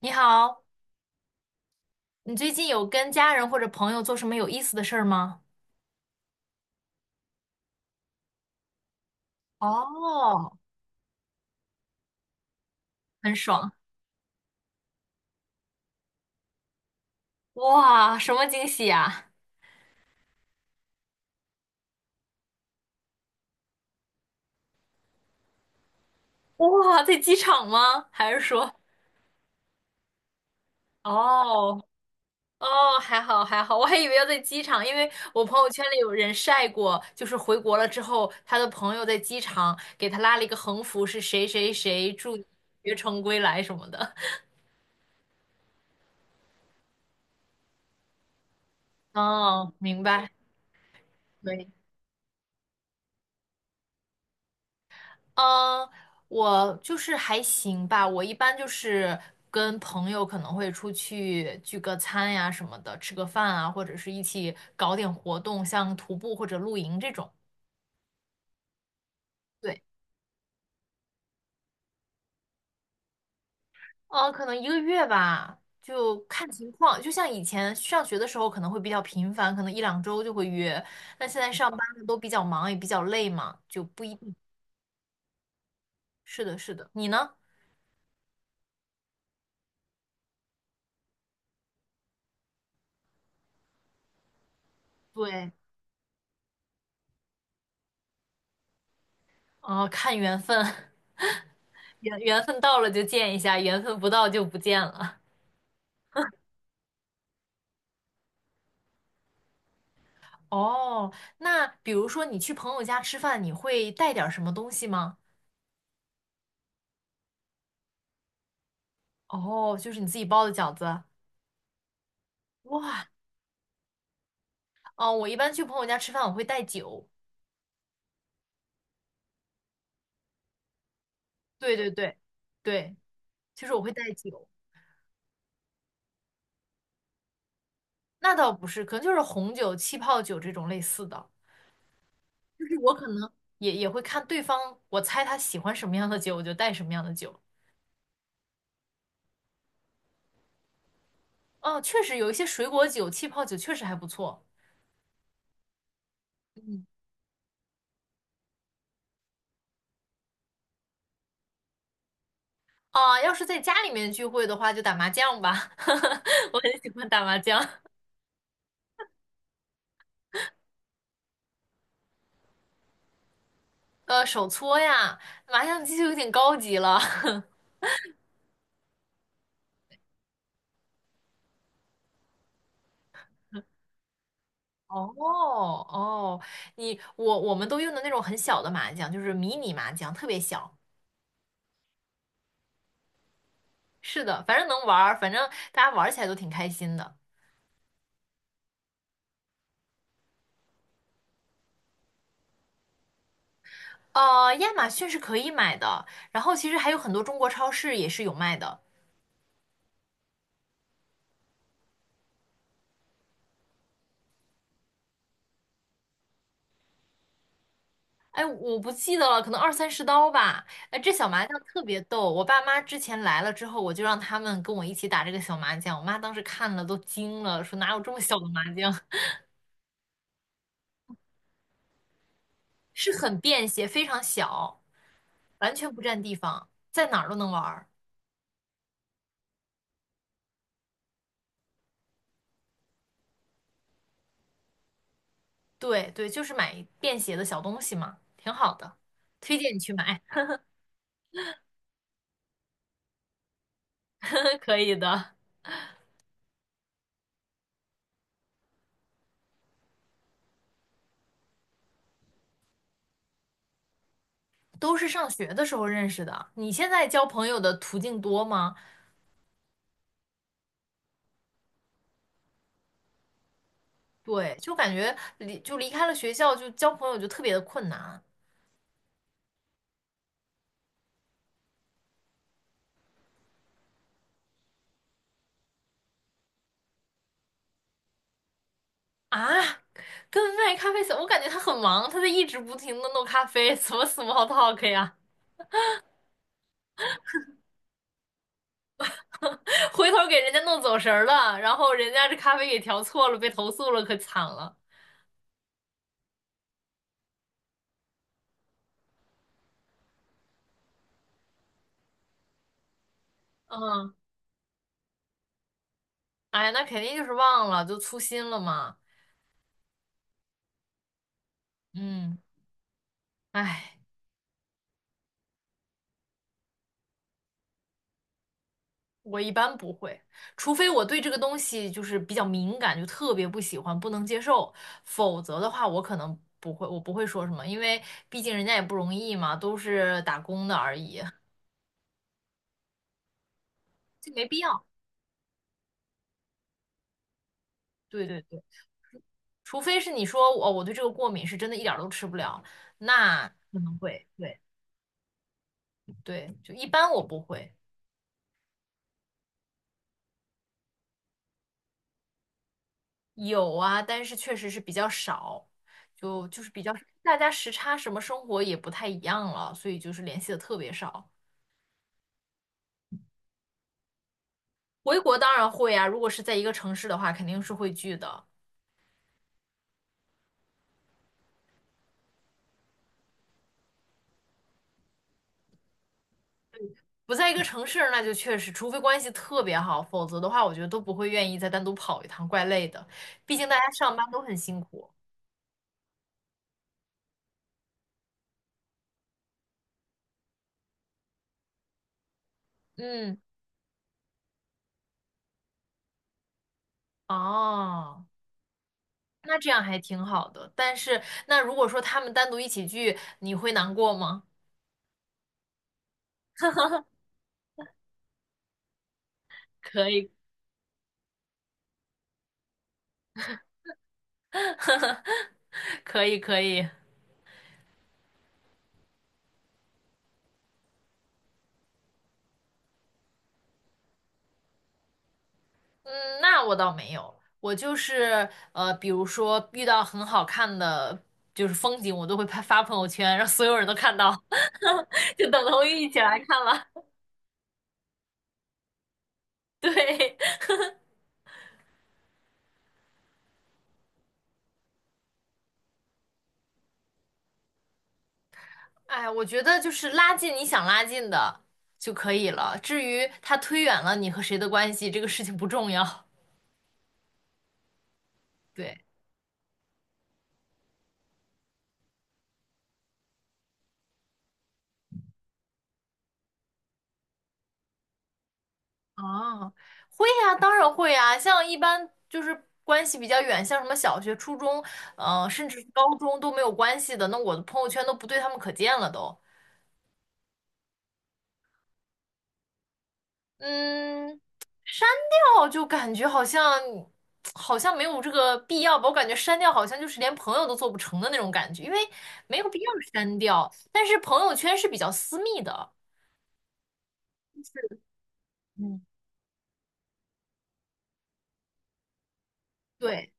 你好，你最近有跟家人或者朋友做什么有意思的事儿吗？哦，很爽。哇，什么惊喜呀？哇，在机场吗？还是说？哦哦，还好还好，我还以为要在机场，因为我朋友圈里有人晒过，就是回国了之后，他的朋友在机场给他拉了一个横幅，是谁谁谁祝你学成归来什么的。哦，明白。对。嗯，我就是还行吧。我一般就是跟朋友可能会出去聚个餐呀什么的，吃个饭啊，或者是一起搞点活动，像徒步或者露营这种。对，可能一个月吧，就看情况。就像以前上学的时候，可能会比较频繁，可能一两周就会约。但现在上班了都比较忙，也比较累嘛，就不一定。是的，是的。你呢？对，哦，看缘分，缘分到了就见一下，缘分不到就不见了。哦，那比如说你去朋友家吃饭，你会带点儿什么东西吗？哦，就是你自己包的饺子。哇，哦，我一般去朋友家吃饭，我会带酒。对对对，对，就是我会带酒。那倒不是，可能就是红酒、气泡酒这种类似的。就是我可能也会看对方，我猜他喜欢什么样的酒，我就带什么样的酒。哦，确实有一些水果酒、气泡酒确实还不错。嗯，啊，要是在家里面聚会的话，就打麻将吧。我很喜欢打麻将。手搓呀，麻将机就有点高级了。哦。哦，我们都用的那种很小的麻将，就是迷你麻将，特别小。是的，反正能玩儿，反正大家玩儿起来都挺开心的。亚马逊是可以买的，然后其实还有很多中国超市也是有卖的。哎，我不记得了，可能二三十刀吧。哎，这小麻将特别逗，我爸妈之前来了之后，我就让他们跟我一起打这个小麻将，我妈当时看了都惊了，说哪有这么小的麻将？是很便携，非常小，完全不占地方，在哪儿都能玩儿。对对，就是买便携的小东西嘛，挺好的，推荐你去买，可以的。都是上学的时候认识的，你现在交朋友的途径多吗？对，就感觉离开了学校，就交朋友就特别的困难啊。跟卖咖啡小，我感觉他很忙，他在一直不停的弄咖啡，怎么 small talk 呀？回头给人家弄走神儿了，然后人家这咖啡给调错了，被投诉了，可惨了。嗯，哎呀，那肯定就是忘了，就粗心了嘛。嗯，哎，我一般不会，除非我对这个东西就是比较敏感，就特别不喜欢，不能接受，否则的话，我不会说什么，因为毕竟人家也不容易嘛，都是打工的而已，就没必要。对对对，除非是你说哦，我对这个过敏，是真的一点儿都吃不了，那可能会，对对，就一般我不会。有啊，但是确实是比较少，就是比较大家时差什么生活也不太一样了，所以就是联系的特别少。回国当然会啊，如果是在一个城市的话，肯定是会聚的。不在一个城市，那就确实，除非关系特别好，否则的话，我觉得都不会愿意再单独跑一趟，怪累的。毕竟大家上班都很辛苦。嗯，哦，那这样还挺好的。但是，那如果说他们单独一起聚，你会难过吗？可以，可以，可以。嗯，那我倒没有，我就是比如说遇到很好看的就是风景，我都会拍发朋友圈，让所有人都看到，就等同于一起来看了。对，哎，我觉得就是拉近你想拉近的就可以了，至于他推远了你和谁的关系，这个事情不重要。对，啊，会呀，当然会呀，像一般就是关系比较远，像什么小学、初中，甚至是高中都没有关系的，那我的朋友圈都不对他们可见了都。嗯，删掉就感觉好像没有这个必要吧，我感觉删掉好像就是连朋友都做不成的那种感觉，因为没有必要删掉。但是朋友圈是比较私密的，嗯，对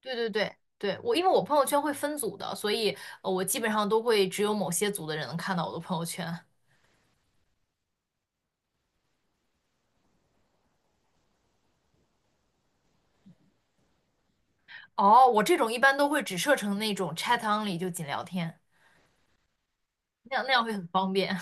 对，我因为我朋友圈会分组的，所以我基本上都会只有某些组的人能看到我的朋友圈。哦，我这种一般都会只设成那种 chat only，就仅聊天，那样会很方便。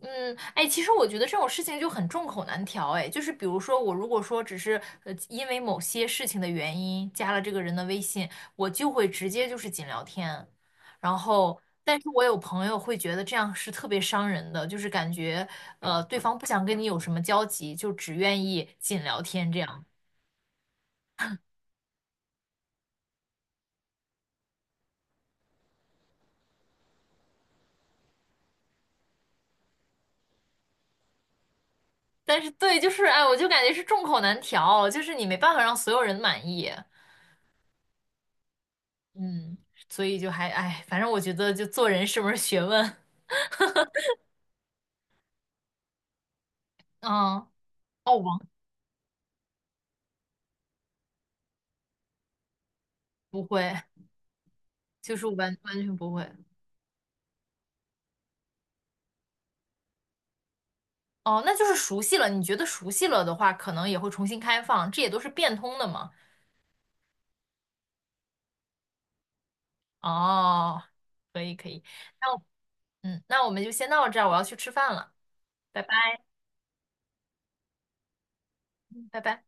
嗯，哎，其实我觉得这种事情就很众口难调，哎，就是比如说我如果说只是因为某些事情的原因加了这个人的微信，我就会直接就是仅聊天，然后，但是我有朋友会觉得这样是特别伤人的，就是感觉对方不想跟你有什么交集，就只愿意仅聊天这样。但是对，就是哎，我就感觉是众口难调，就是你没办法让所有人满意，嗯，所以就还哎，反正我觉得就做人是门儿学问，嗯。哦，不会，就是完完全不会。哦，那就是熟悉了。你觉得熟悉了的话，可能也会重新开放，这也都是变通的嘛。哦，可以可以，那我嗯，那我们就先到这儿，我要去吃饭了，拜拜拜拜。